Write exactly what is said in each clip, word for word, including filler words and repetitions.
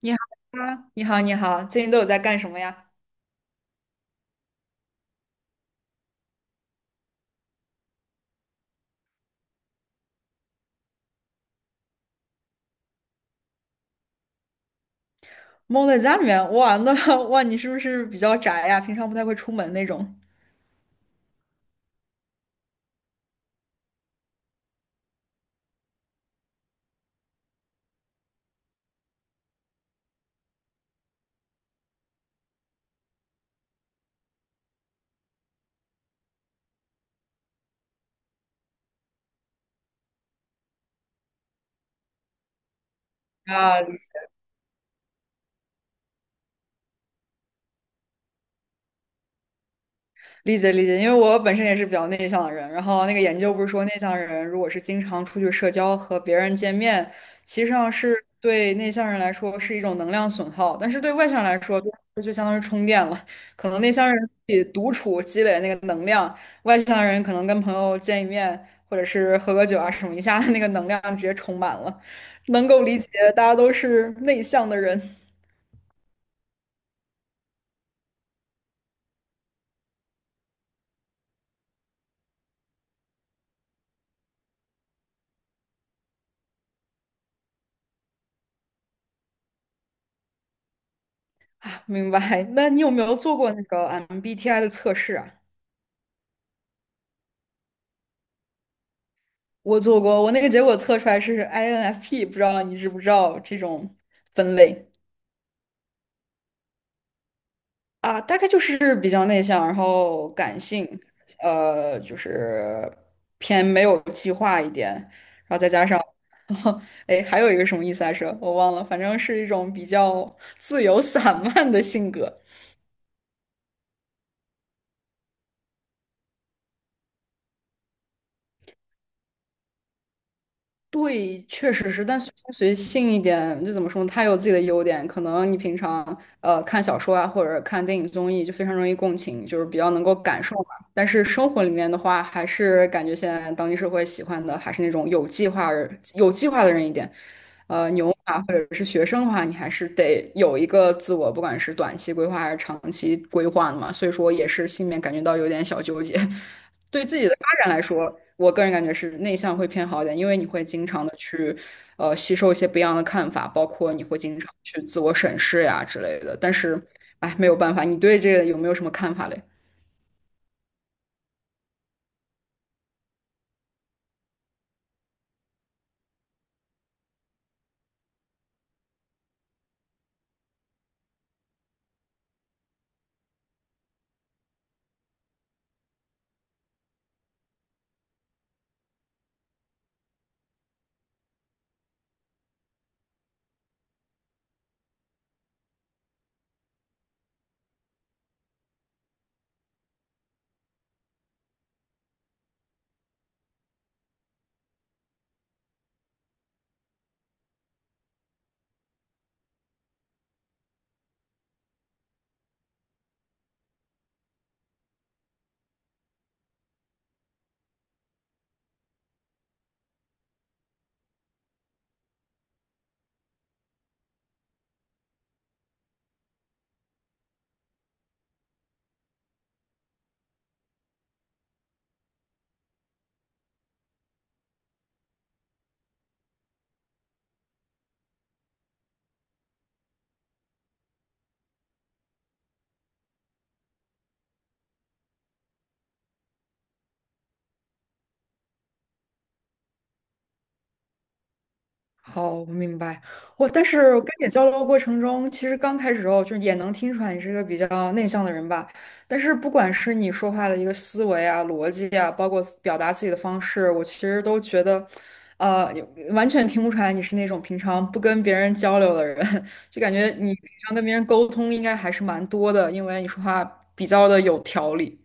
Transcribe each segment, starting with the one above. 你好啊，你好，你好，最近都有在干什么呀？猫在家里面，哇，那 哇，你是不是比较宅呀？平常不太会出门那种？啊，理解理解，因为我本身也是比较内向的人，然后那个研究不是说内向人如果是经常出去社交和别人见面，其实上是对内向人来说是一种能量损耗，但是对外向人来说就就相当于充电了。可能内向人自己独处积累那个能量，外向人可能跟朋友见一面或者是喝个酒啊什么，一下那个能量直接充满了，能够理解大家都是内向的人，明白？那你有没有做过那个 M B T I 的测试啊？我做过，我那个结果测出来是 I N F P，不知道你知不知道这种分类啊？大概就是比较内向，然后感性，呃，就是偏没有计划一点，然后再加上，哎，还有一个什么意思来着？我忘了，反正是一种比较自由散漫的性格。对，确实是，但随心随性一点，就怎么说呢？它有自己的优点，可能你平常呃看小说啊，或者看电影综艺，就非常容易共情，就是比较能够感受嘛。但是生活里面的话，还是感觉现在当今社会喜欢的还是那种有计划人有计划的人一点。呃，牛马或者是学生的话，你还是得有一个自我，不管是短期规划还是长期规划的嘛。所以说，也是心里面感觉到有点小纠结。对自己的发展来说，我个人感觉是内向会偏好一点，因为你会经常的去，呃，吸收一些不一样的看法，包括你会经常去自我审视呀之类的。但是，哎，没有办法，你对这个有没有什么看法嘞？好，我明白。我但是跟你交流过程中，其实刚开始时候就也能听出来你是一个比较内向的人吧。但是不管是你说话的一个思维啊、逻辑啊，包括表达自己的方式，我其实都觉得，呃，有完全听不出来你是那种平常不跟别人交流的人。就感觉你平常跟别人沟通应该还是蛮多的，因为你说话比较的有条理。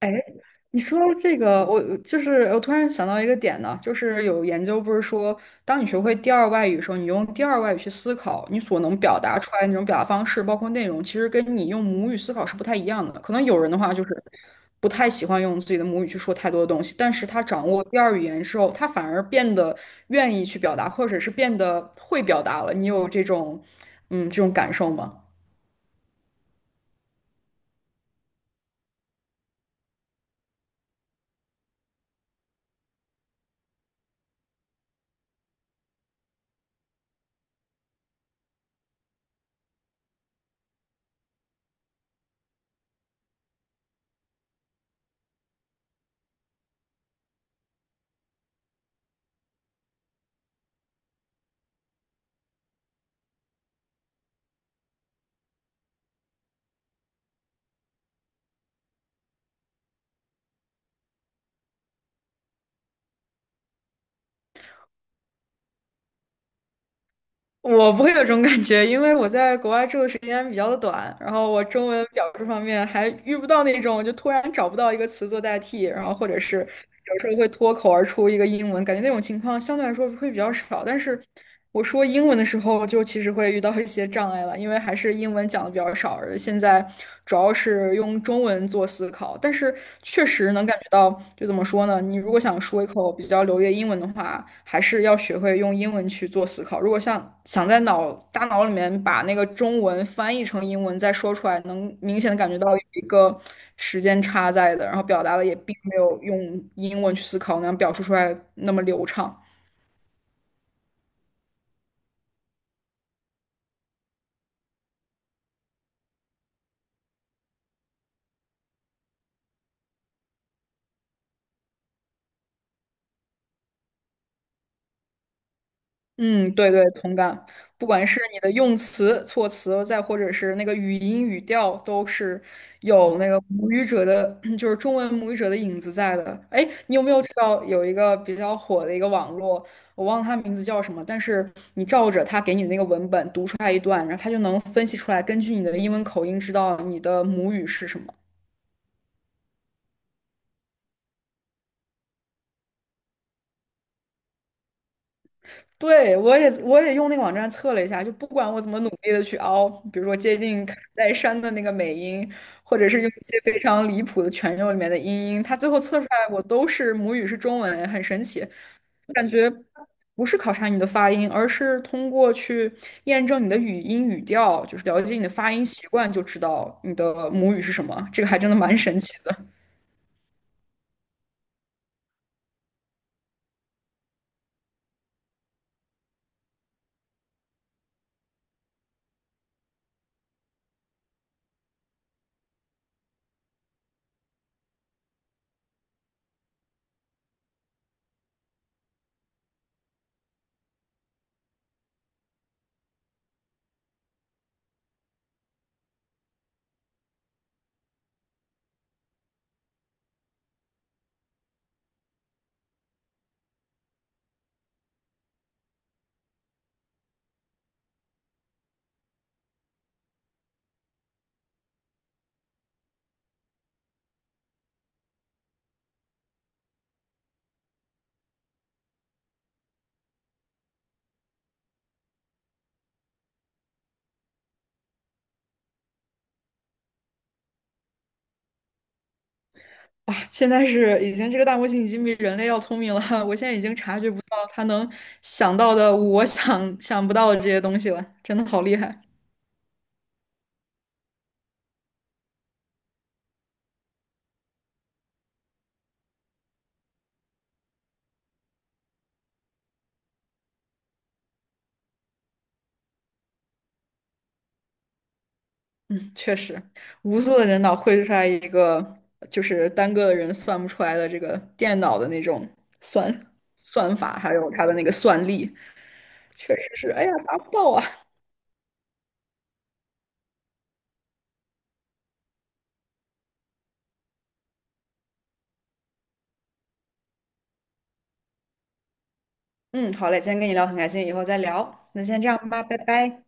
哎，你说到这个，我就是我突然想到一个点呢，就是有研究不是说，当你学会第二外语的时候，你用第二外语去思考，你所能表达出来的那种表达方式，包括内容，其实跟你用母语思考是不太一样的。可能有人的话就是不太喜欢用自己的母语去说太多的东西，但是他掌握第二语言之后，他反而变得愿意去表达，或者是变得会表达了。你有这种嗯这种感受吗？我不会有这种感觉，因为我在国外住的时间比较的短，然后我中文表述方面还遇不到那种就突然找不到一个词做代替，然后或者是有时候会脱口而出一个英文，感觉那种情况相对来说会比较少。但是我说英文的时候，就其实会遇到一些障碍了，因为还是英文讲的比较少，而现在主要是用中文。中文做思考，但是确实能感觉到，就怎么说呢？你如果想说一口比较流利的英文的话，还是要学会用英文去做思考。如果像想在脑大脑里面把那个中文翻译成英文再说出来，能明显的感觉到有一个时间差在的，然后表达的也并没有用英文去思考那样表述出来那么流畅。嗯，对对，同感。不管是你的用词、措辞，再或者是那个语音语调，都是有那个母语者的，就是中文母语者的影子在的。哎，你有没有知道有一个比较火的一个网络，我忘了它名字叫什么，但是你照着它给你的那个文本读出来一段，然后它就能分析出来，根据你的英文口音知道你的母语是什么。对，我也我也用那个网站测了一下，就不管我怎么努力的去凹，比如说接近卡戴珊的那个美音，或者是用一些非常离谱的全用里面的音音，它最后测出来我都是母语是中文，很神奇。我感觉不是考察你的发音，而是通过去验证你的语音语调，就是了解你的发音习惯，就知道你的母语是什么。这个还真的蛮神奇的。哇，现在是已经这个大模型已经比人类要聪明了，我现在已经察觉不到它能想到的我想想不到的这些东西了，真的好厉害。嗯，确实，无数的人脑绘出来一个，就是单个的人算不出来的这个电脑的那种算算法，还有它的那个算力，确实是，哎呀，达不到啊。嗯，好嘞，今天跟你聊很开心，以后再聊。那先这样吧，拜拜。